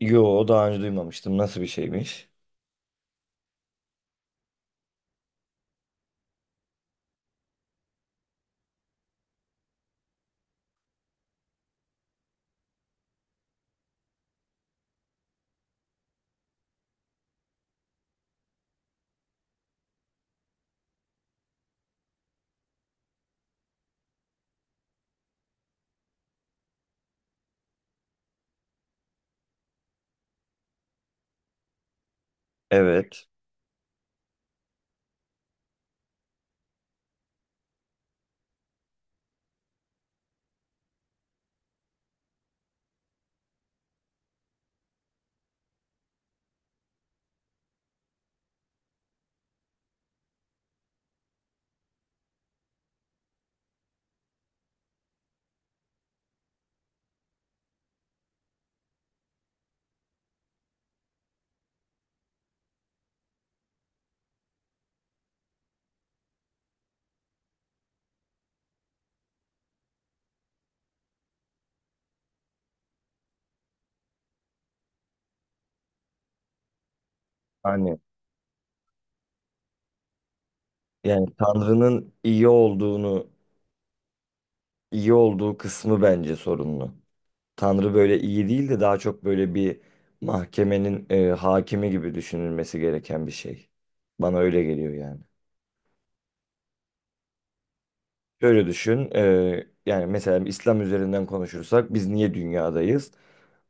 Yo, daha önce duymamıştım. Nasıl bir şeymiş? Evet. Hani yani Tanrı'nın iyi olduğunu, iyi olduğu kısmı bence sorunlu. Tanrı böyle iyi değil de daha çok böyle bir mahkemenin hakimi gibi düşünülmesi gereken bir şey. Bana öyle geliyor yani. Şöyle düşün, yani mesela İslam üzerinden konuşursak biz niye dünyadayız?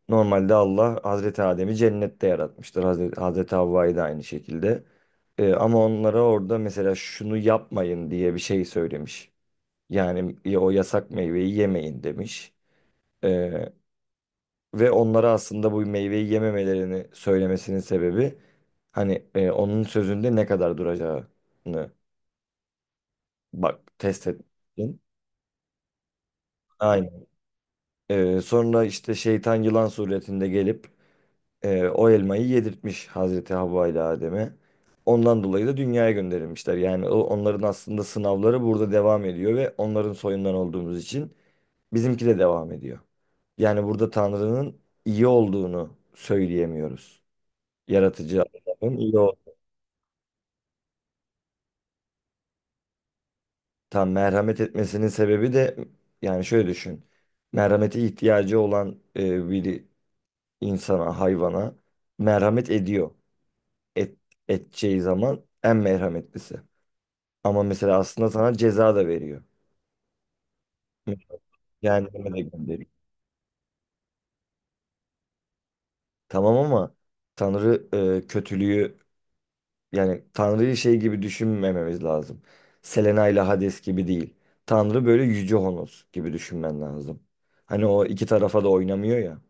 Normalde Allah Hazreti Adem'i cennette yaratmıştır. Hazreti Havva'yı da aynı şekilde. Ama onlara orada mesela şunu yapmayın diye bir şey söylemiş. Yani o yasak meyveyi yemeyin demiş. Eee, Ve onlara aslında bu meyveyi yememelerini söylemesinin sebebi hani onun sözünde ne kadar duracağını bak test etmek için. Sonra işte şeytan yılan suretinde gelip o elmayı yedirtmiş Hazreti Havva ile Adem'e. Ondan dolayı da dünyaya gönderilmişler. Yani onların aslında sınavları burada devam ediyor ve onların soyundan olduğumuz için bizimki de devam ediyor. Yani burada Tanrı'nın iyi olduğunu söyleyemiyoruz. Yaratıcı Allah'ın iyi olduğunu. Tam merhamet etmesinin sebebi de yani şöyle düşün. Merhamete ihtiyacı olan bir insana, hayvana merhamet ediyor. et, Edeceği zaman en merhametlisi. Ama mesela aslında sana ceza da veriyor. Cehenneme de gönderiyor. Tamam ama Tanrı kötülüğü yani Tanrı'yı şey gibi düşünmememiz lazım. Selena ile Hades gibi değil. Tanrı böyle Yüce Honos gibi düşünmen lazım. Hani o iki tarafa da oynamıyor ya.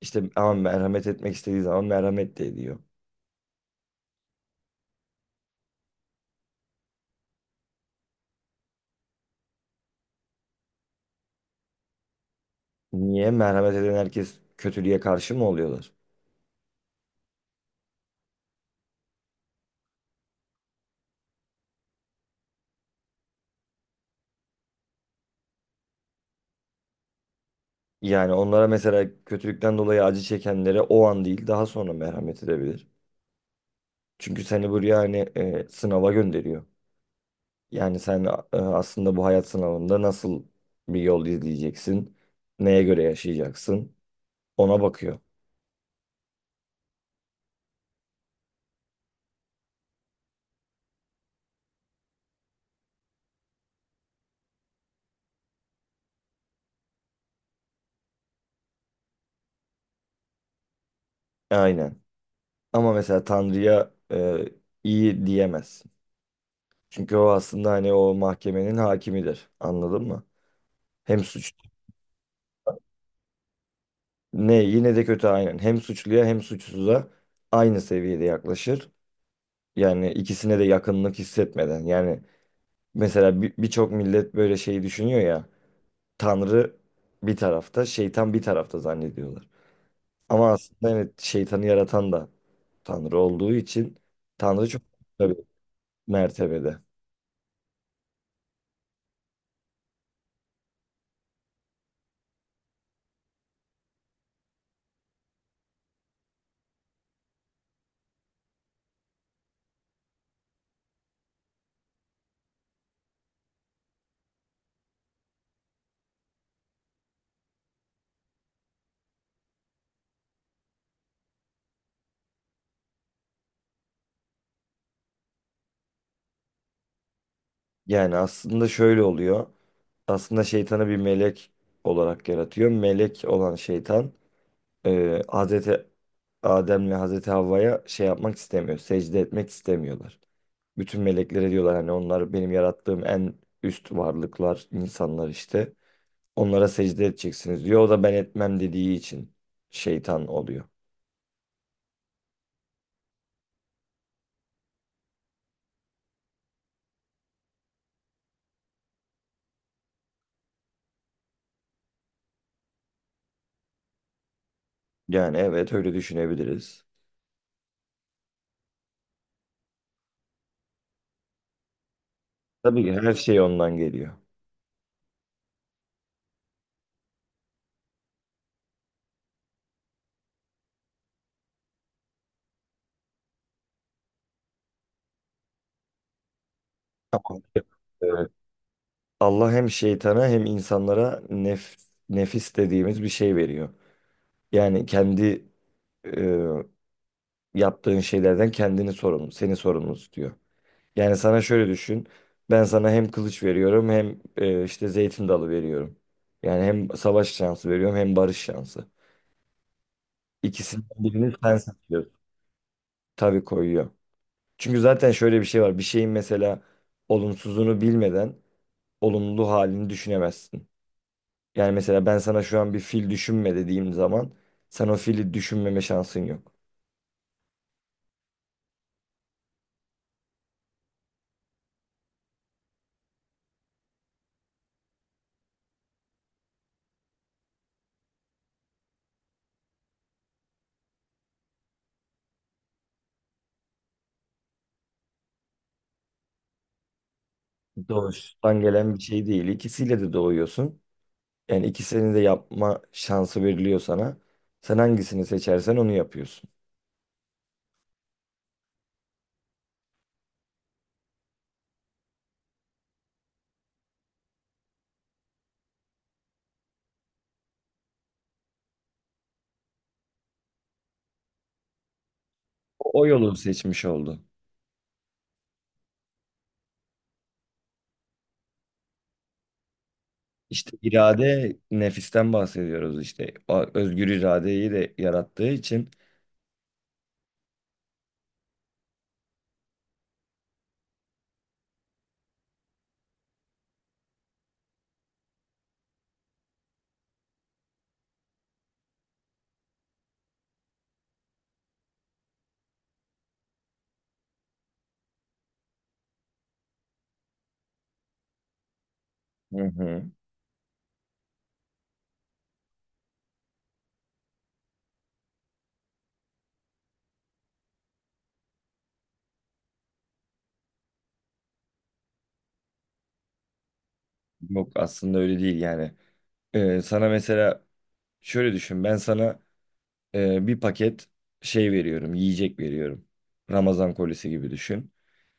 İşte ama merhamet etmek istediği zaman merhamet de ediyor. Niye? Merhamet eden herkes kötülüğe karşı mı oluyorlar? Yani onlara mesela kötülükten dolayı acı çekenlere o an değil daha sonra merhamet edebilir. Çünkü seni buraya hani sınava gönderiyor. Yani sen aslında bu hayat sınavında nasıl bir yol izleyeceksin, neye göre yaşayacaksın ona bakıyor. Aynen. Ama mesela Tanrı'ya iyi diyemezsin. Çünkü o aslında hani o mahkemenin hakimidir. Anladın mı? Hem suç ne yine de kötü aynen. Hem suçluya hem suçsuza aynı seviyede yaklaşır. Yani ikisine de yakınlık hissetmeden. Yani mesela birçok millet böyle şeyi düşünüyor ya. Tanrı bir tarafta, şeytan bir tarafta zannediyorlar. Ama aslında evet şeytanı yaratan da Tanrı olduğu için Tanrı çok tabii mertebede. Yani aslında şöyle oluyor. Aslında şeytanı bir melek olarak yaratıyor. Melek olan şeytan Hazreti Adem'le Hazreti Havva'ya şey yapmak istemiyor. Secde etmek istemiyorlar. Bütün meleklere diyorlar hani onlar benim yarattığım en üst varlıklar, insanlar işte. Onlara secde edeceksiniz diyor. O da ben etmem dediği için şeytan oluyor. Yani evet öyle düşünebiliriz. Tabii ki her şey ondan geliyor. Tamam. Ee, Allah hem şeytana hem insanlara nefis dediğimiz bir şey veriyor. Yani kendi e, yaptığın şeylerden kendini sorumlu, seni sorumlu tutuyor. Yani sana şöyle düşün. Ben sana hem kılıç veriyorum hem işte zeytin dalı veriyorum. Yani hem savaş şansı veriyorum hem barış şansı. İkisinden birini sen seçiyorsun. Tabii koyuyor. Çünkü zaten şöyle bir şey var. Bir şeyin mesela olumsuzunu bilmeden olumlu halini düşünemezsin. Yani mesela ben sana şu an bir fil düşünme dediğim zaman sen o fili düşünmeme şansın yok. Doğuştan gelen bir şey değil. İkisiyle de doğuyorsun. Yani ikisini de yapma şansı veriliyor sana. Sen hangisini seçersen onu yapıyorsun. O yolu seçmiş oldu. İşte irade nefisten bahsediyoruz işte. O özgür iradeyi de yarattığı için. Hı hı. Yok aslında öyle değil yani. Sana mesela şöyle düşün. Ben sana bir paket veriyorum, yiyecek veriyorum. Ramazan kolisi gibi düşün.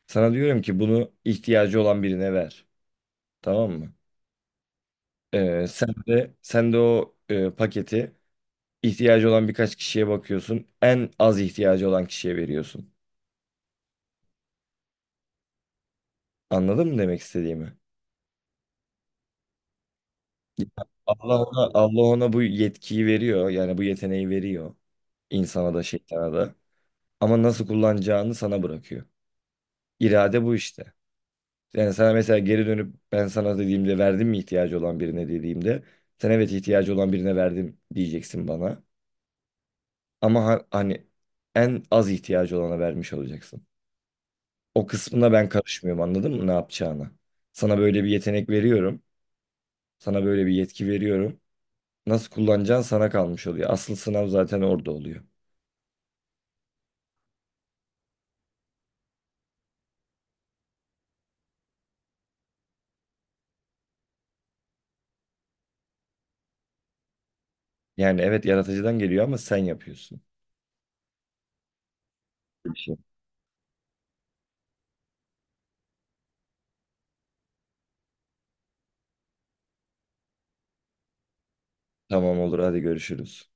Sana diyorum ki bunu ihtiyacı olan birine ver. Tamam mı? Sen de o paketi İhtiyacı olan birkaç kişiye bakıyorsun. En az ihtiyacı olan kişiye veriyorsun. Anladın mı demek istediğimi? Allah ona bu yetkiyi veriyor. Yani bu yeteneği veriyor. İnsana da şeytana da. Ama nasıl kullanacağını sana bırakıyor. İrade bu işte. Yani sana mesela geri dönüp ben sana dediğimde verdim mi ihtiyacı olan birine dediğimde sen evet ihtiyacı olan birine verdim diyeceksin bana. Ama hani en az ihtiyacı olana vermiş olacaksın. O kısmına ben karışmıyorum anladın mı ne yapacağını? Sana böyle bir yetenek veriyorum. Sana böyle bir yetki veriyorum. Nasıl kullanacağın sana kalmış oluyor. Asıl sınav zaten orada oluyor. Yani evet yaratıcıdan geliyor ama sen yapıyorsun. Bir şey. Tamam olur, hadi görüşürüz.